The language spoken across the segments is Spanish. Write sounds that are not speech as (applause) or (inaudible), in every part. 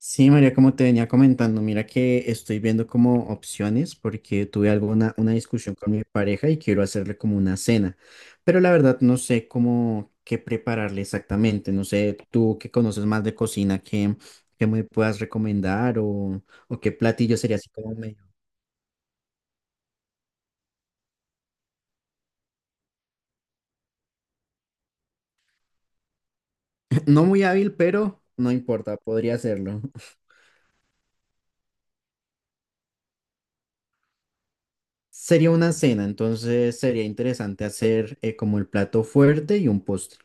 Sí, María, como te venía comentando, mira que estoy viendo como opciones porque tuve alguna una discusión con mi pareja y quiero hacerle como una cena, pero la verdad no sé cómo qué prepararle exactamente, no sé tú que conoces más de cocina, qué, qué me puedas recomendar o qué platillo sería así como medio. (laughs) No muy hábil, pero no importa, podría hacerlo. (laughs) Sería una cena, entonces sería interesante hacer como el plato fuerte y un postre.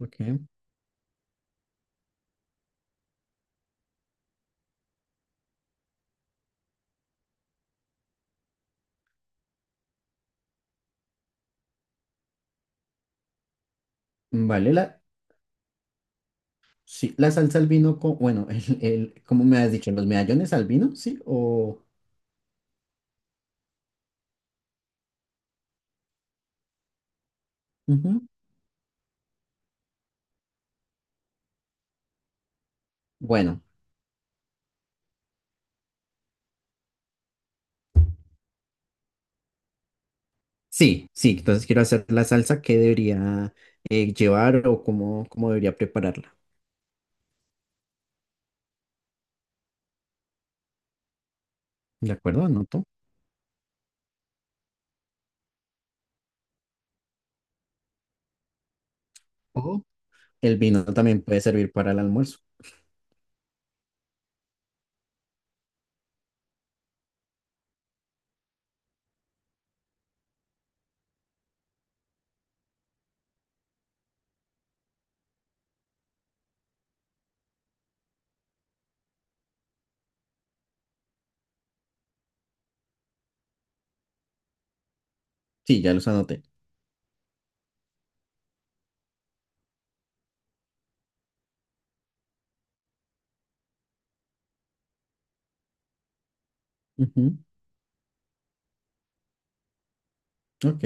Ok. Vale, la, sí, la salsa al vino, bueno, el, ¿cómo me has dicho? ¿Los medallones al vino? Sí, o... Ujú. Bueno, sí, sí, entonces quiero hacer la salsa, ¿qué debería llevar o cómo, cómo debería prepararla? ¿De acuerdo? Anoto. O el vino también puede servir para el almuerzo. Sí, ya los anoté. Ujú. Ok,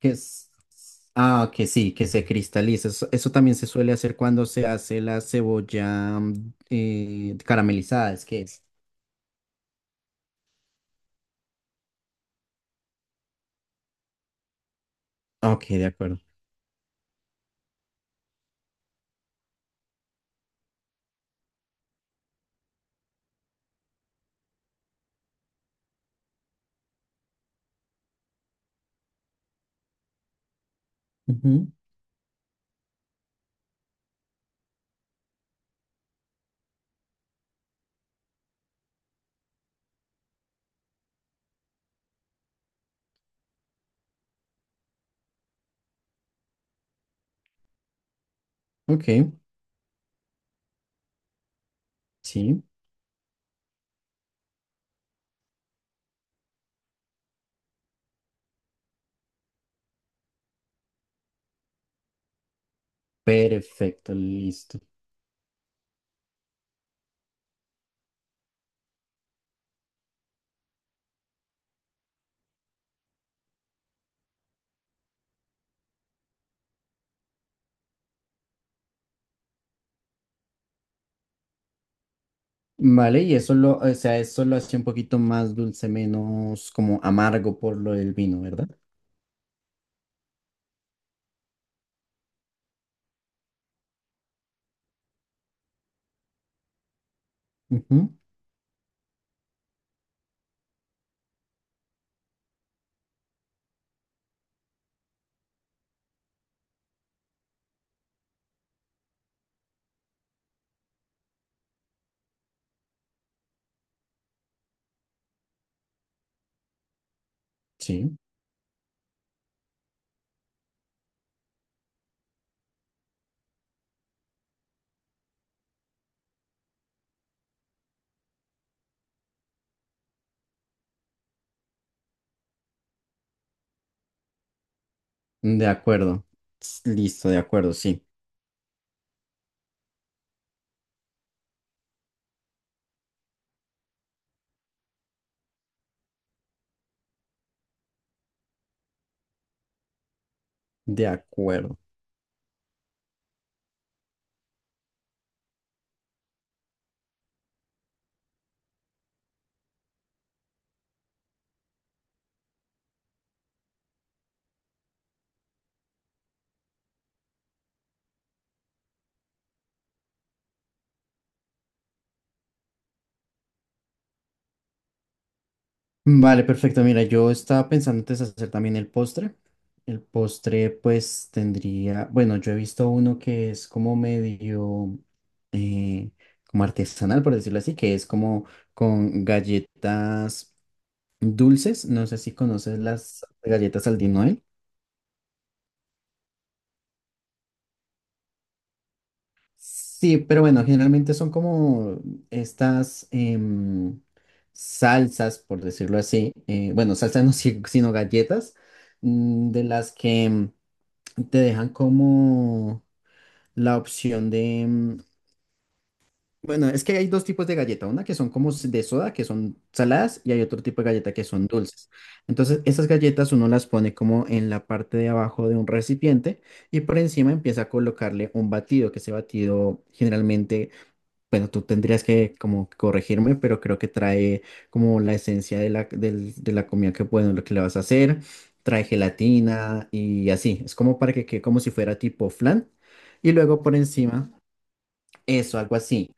que es... Ah, que sí, que se cristaliza. Eso también se suele hacer cuando se hace la cebolla caramelizada, es que es. Ok, de acuerdo. Ujú. Ok. Sí, perfecto, listo. Vale, y eso lo, o sea, eso lo hace un poquito más dulce, menos como amargo por lo del vino, ¿verdad? Ujú. Sí, de acuerdo. Listo, de acuerdo, sí, de acuerdo. Vale, perfecto. Mira, yo estaba pensando antes hacer también el postre. El postre, pues tendría, bueno, yo he visto uno que es como medio, eh, como artesanal, por decirlo así, que es como con galletas dulces. No sé si conoces las galletas Aldin Noel. Sí, pero bueno, generalmente son como estas salsas, por decirlo así. Bueno, salsas no, (laughs) sino galletas, mm, de las que te dejan como la opción de... Mm, bueno, es que hay dos tipos de galleta, una que son como de soda, que son saladas, y hay otro tipo de galleta que son dulces. Entonces, esas galletas uno las pone como en la parte de abajo de un recipiente y por encima empieza a colocarle un batido, que ese batido generalmente bueno, tú tendrías que como corregirme, pero creo que trae como la esencia de la, de la comida que, bueno, lo que le vas a hacer, trae gelatina y así. Es como para que quede como si fuera tipo flan. Y luego por encima, eso, algo así.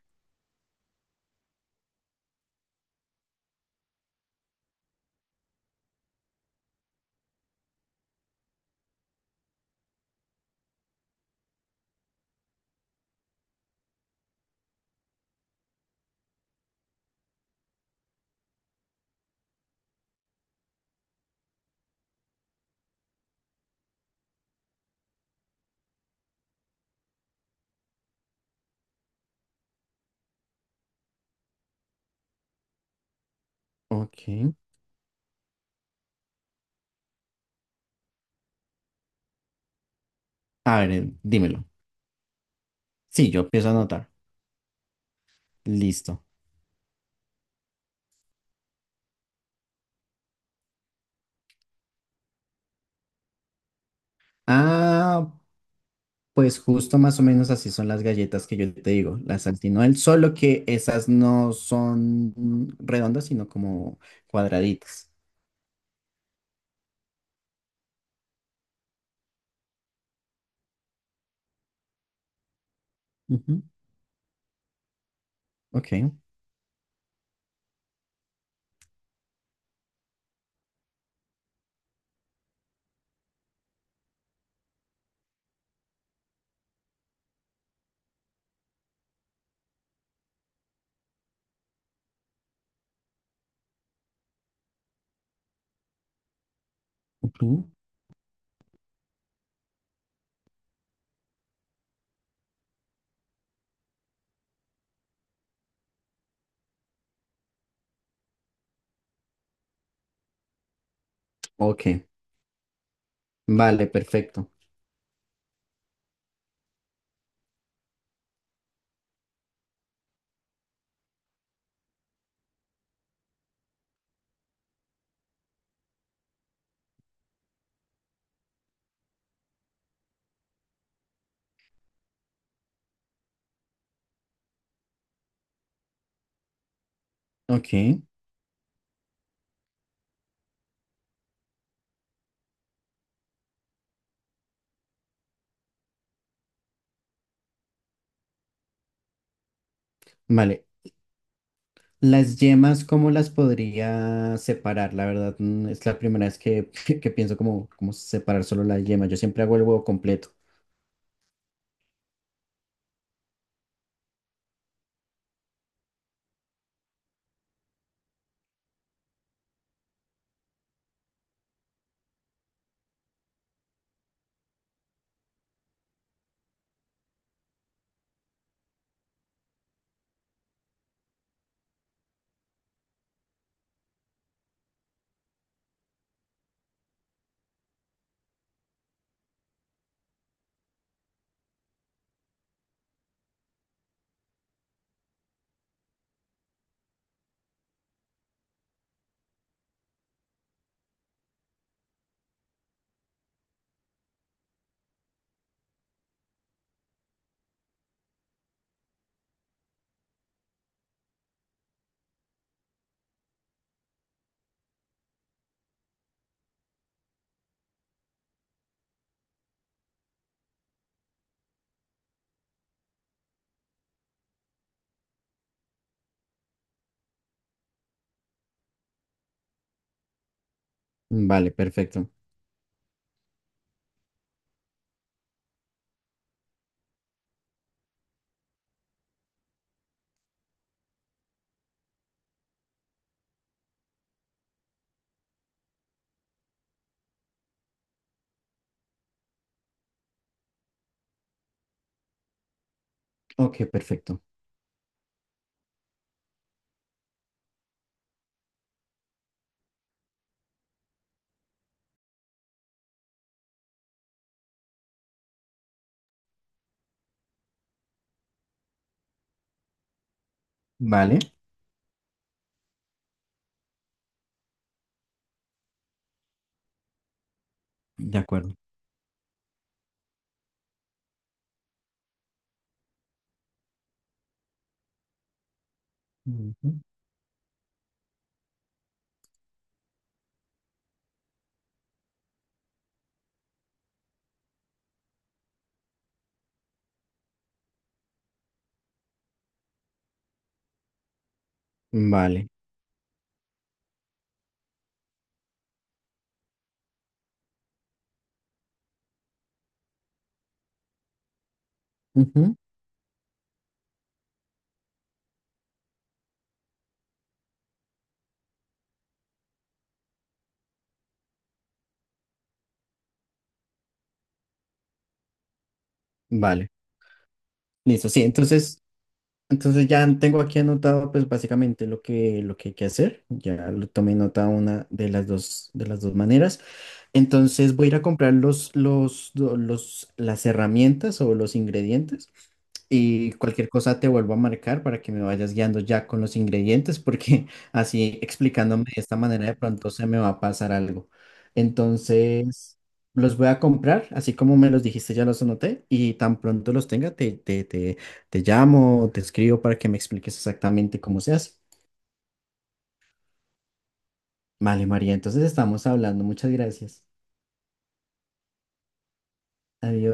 Ok. A ver, dímelo. Sí, yo empiezo a anotar. Listo. Ah, pues justo más o menos así son las galletas que yo te digo, las Altinoel, solo que esas no son redondas, sino como cuadraditas. Ujú. Ok. Ujú. Ok, vale, perfecto. Ok, vale. Las yemas, ¿cómo las podría separar? La verdad, mm, es la primera vez que, (laughs) que pienso como cómo separar solo la yema. Yo siempre hago el huevo completo. Mm, vale, perfecto. Ok, perfecto. Vale, de acuerdo. Ujú. Vale. Ujú. Vale. Listo, sí, entonces entonces ya tengo aquí anotado pues básicamente lo que hay que hacer. Ya lo tomé nota una de las dos maneras. Entonces voy a ir a comprar los, los, las herramientas o los ingredientes y cualquier cosa te vuelvo a marcar para que me vayas guiando ya con los ingredientes porque (laughs) así explicándome de esta manera de pronto se me va a pasar algo. Entonces los voy a comprar, así como me los dijiste, ya los anoté y tan pronto los tenga te llamo, te escribo para que me expliques exactamente cómo se hace. Vale, María, entonces estamos hablando. Muchas gracias. Adiós.